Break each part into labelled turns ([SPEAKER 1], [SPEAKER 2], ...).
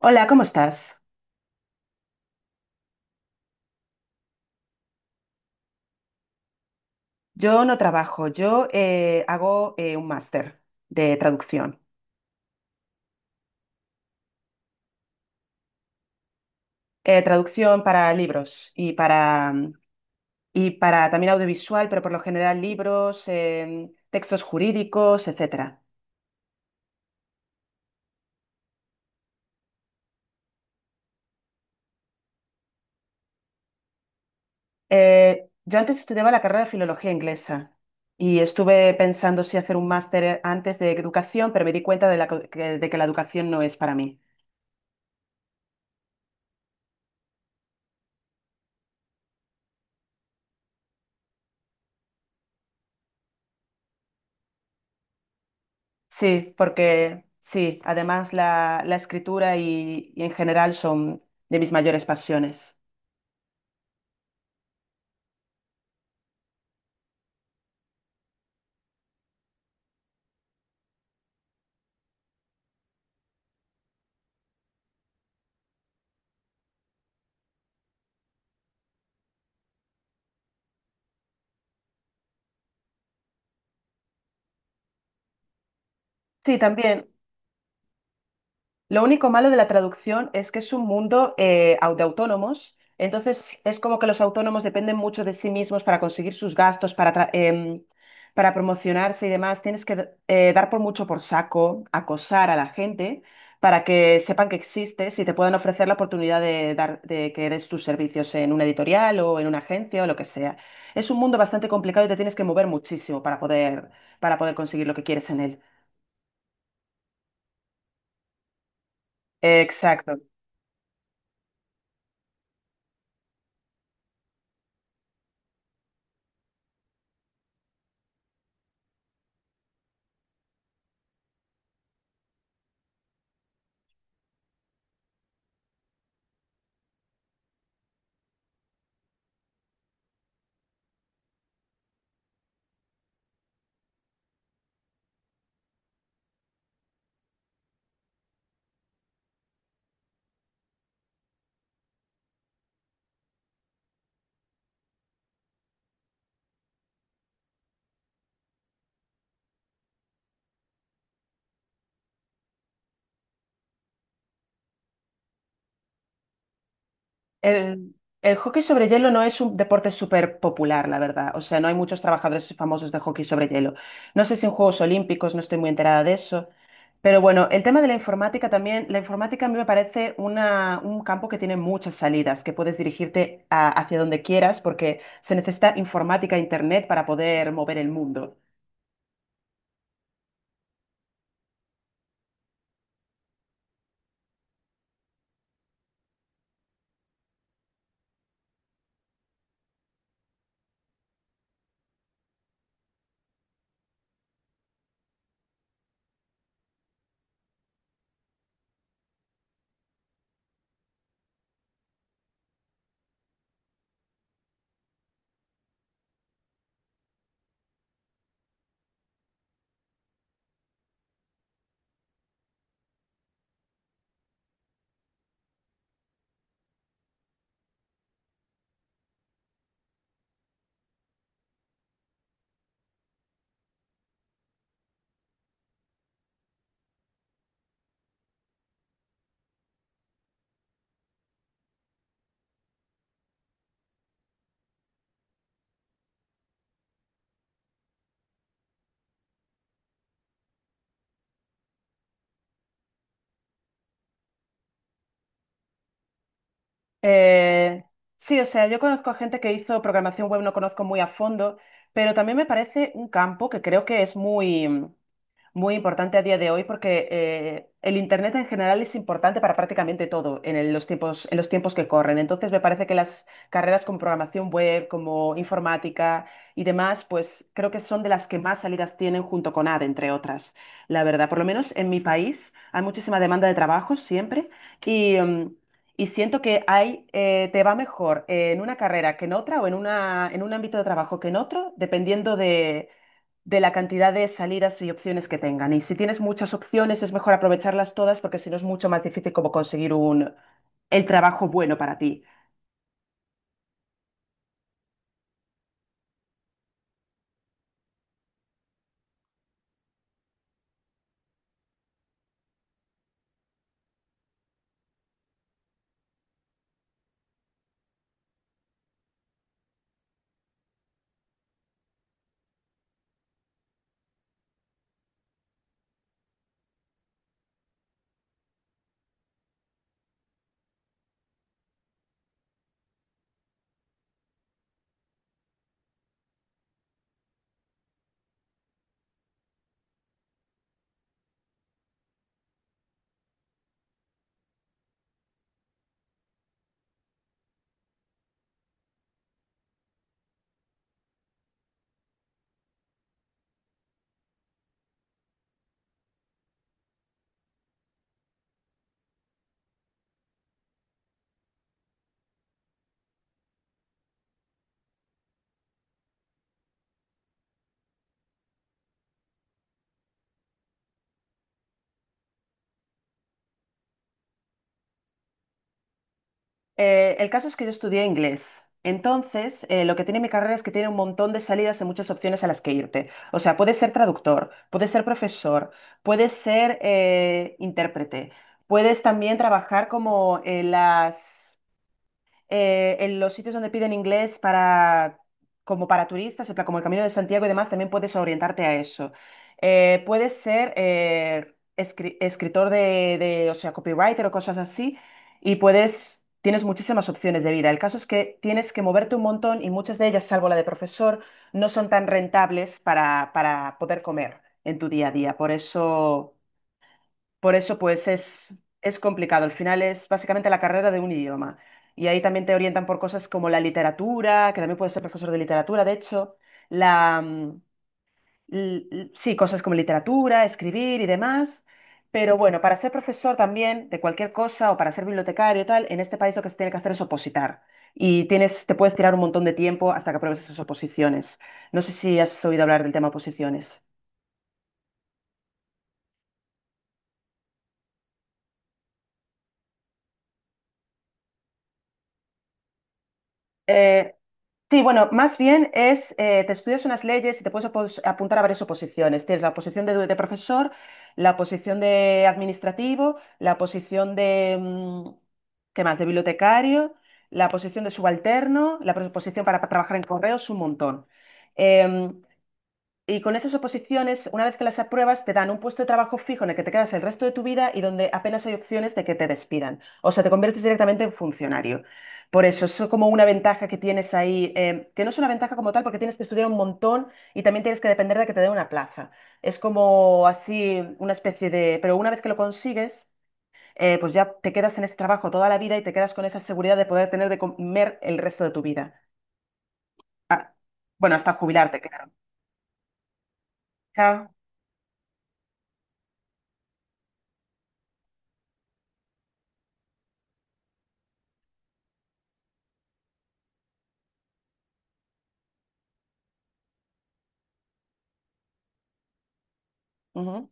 [SPEAKER 1] Hola, ¿cómo estás? Yo no trabajo, yo hago un máster de traducción. Traducción para libros y para, y para también audiovisual, pero por lo general libros, textos jurídicos, etcétera. Yo antes estudiaba la carrera de filología inglesa y estuve pensando si hacer un máster antes de educación, pero me di cuenta de, que de que la educación no es para mí. Sí, porque sí, además la escritura y en general son de mis mayores pasiones. Sí, también. Lo único malo de la traducción es que es un mundo de autónomos, entonces es como que los autónomos dependen mucho de sí mismos para conseguir sus gastos, para promocionarse y demás. Tienes que dar por mucho por saco, acosar a la gente para que sepan que existes y te puedan ofrecer la oportunidad de dar, de que des tus servicios en una editorial o en una agencia o lo que sea. Es un mundo bastante complicado y te tienes que mover muchísimo para para poder conseguir lo que quieres en él. Exacto. El, el hockey sobre hielo no es un deporte súper popular, la verdad. O sea, no hay muchos trabajadores famosos de hockey sobre hielo. No sé si en Juegos Olímpicos, no estoy muy enterada de eso. Pero bueno, el tema de la informática también, la informática a mí me parece un campo que tiene muchas salidas, que puedes dirigirte hacia donde quieras porque se necesita informática e internet para poder mover el mundo. Eh, sí, o sea, yo conozco a gente que hizo programación web, no conozco muy a fondo, pero también me parece un campo que creo que es muy muy importante a día de hoy porque el Internet en general es importante para prácticamente todo en los tiempos, en los tiempos que corren. Entonces, me parece que las carreras con programación web, como informática y demás, pues creo que son de las que más salidas tienen junto con AD, entre otras. La verdad, por lo menos en mi país hay muchísima demanda de trabajo siempre y, mm, y siento que te va mejor en una carrera que en otra o en en un ámbito de trabajo que en otro, dependiendo de la cantidad de salidas y opciones que tengan. Y si tienes muchas opciones, es mejor aprovecharlas todas porque si no es mucho más difícil como conseguir el trabajo bueno para ti. El caso es que yo estudié inglés. Entonces, lo que tiene mi carrera es que tiene un montón de salidas y muchas opciones a las que irte. O sea, puedes ser traductor, puedes ser profesor, puedes ser intérprete, puedes también trabajar como en las en los sitios donde piden inglés para como para turistas, en plan, como el Camino de Santiago y demás, también puedes orientarte a eso. Puedes ser escritor o sea, copywriter o cosas así, y puedes, tienes muchísimas opciones de vida. El caso es que tienes que moverte un montón y muchas de ellas, salvo la de profesor, no son tan rentables para poder comer en tu día a día. Por eso, es complicado. Al final es básicamente la carrera de un idioma. Y ahí también te orientan por cosas como la literatura, que también puedes ser profesor de literatura, de hecho, la, mm, l- l- sí, cosas como literatura, escribir y demás. Pero bueno, para ser profesor también de cualquier cosa o para ser bibliotecario y tal, en este país lo que se tiene que hacer es opositar. Y te puedes tirar un montón de tiempo hasta que apruebes esas oposiciones. No sé si has oído hablar del tema oposiciones. Eh, Sí, bueno, más bien es, te estudias unas leyes y te puedes apuntar a varias oposiciones. Tienes la oposición de profesor, la posición de administrativo, la posición de, ¿qué más? De bibliotecario, la posición de subalterno, la posición para trabajar en correos, un montón. Em, y con esas oposiciones, una vez que las apruebas, te dan un puesto de trabajo fijo en el que te quedas el resto de tu vida y donde apenas hay opciones de que te despidan. O sea, te conviertes directamente en funcionario. Por eso, eso es como una ventaja que tienes ahí, que no es una ventaja como tal porque tienes que estudiar un montón y también tienes que depender de que te den una plaza. Es como así una especie de Pero una vez que lo consigues, pues ya te quedas en ese trabajo toda la vida y te quedas con esa seguridad de poder tener de comer el resto de tu vida. Ah, bueno, hasta jubilarte, claro. Chao. Ujú.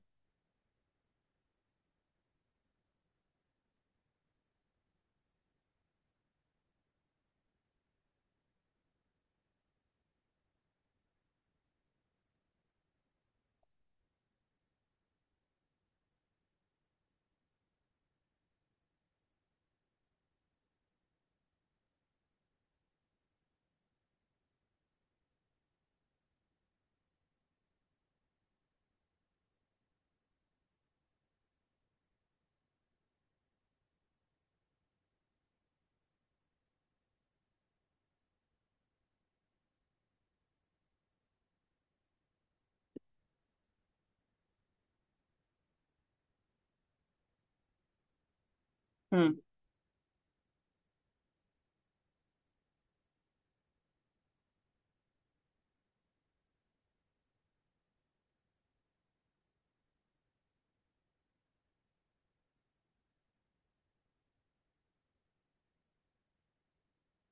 [SPEAKER 1] Mm.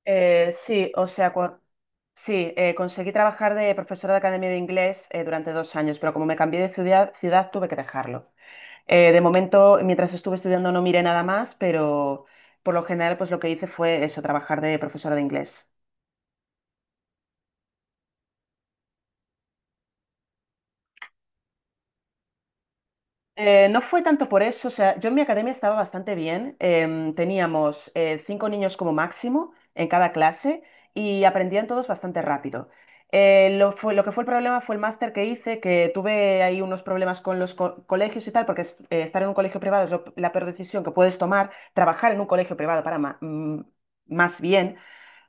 [SPEAKER 1] Sí, o sea, sí, conseguí trabajar de profesora de academia de inglés durante dos años, pero como me cambié de ciudad, ciudad tuve que dejarlo. De momento, mientras estuve estudiando no miré nada más, pero por lo general, pues lo que hice fue eso, trabajar de profesora de inglés. No fue tanto por eso, o sea, yo en mi academia estaba bastante bien. Teníamos cinco niños como máximo en cada clase y aprendían todos bastante rápido. Lo que fue el problema fue el máster que hice, que tuve ahí unos problemas con colegios y tal, porque estar en un colegio privado es la peor decisión que puedes tomar, trabajar en un colegio privado más bien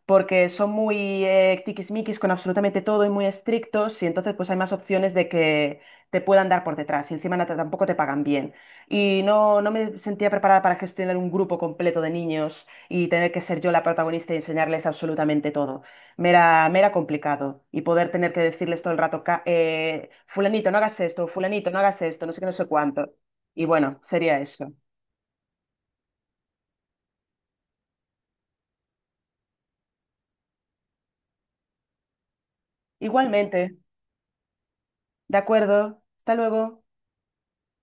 [SPEAKER 1] porque son muy tiquismiquis con absolutamente todo y muy estrictos y entonces pues hay más opciones de que te puedan dar por detrás y encima tampoco te pagan bien. Y no, no me sentía preparada para gestionar un grupo completo de niños y tener que ser yo la protagonista y enseñarles absolutamente todo. Me era complicado y poder tener que decirles todo el rato: Fulanito, no hagas esto, fulanito, no hagas esto, no sé qué, no sé cuánto". Y bueno, sería eso. Igualmente, de acuerdo, hasta luego.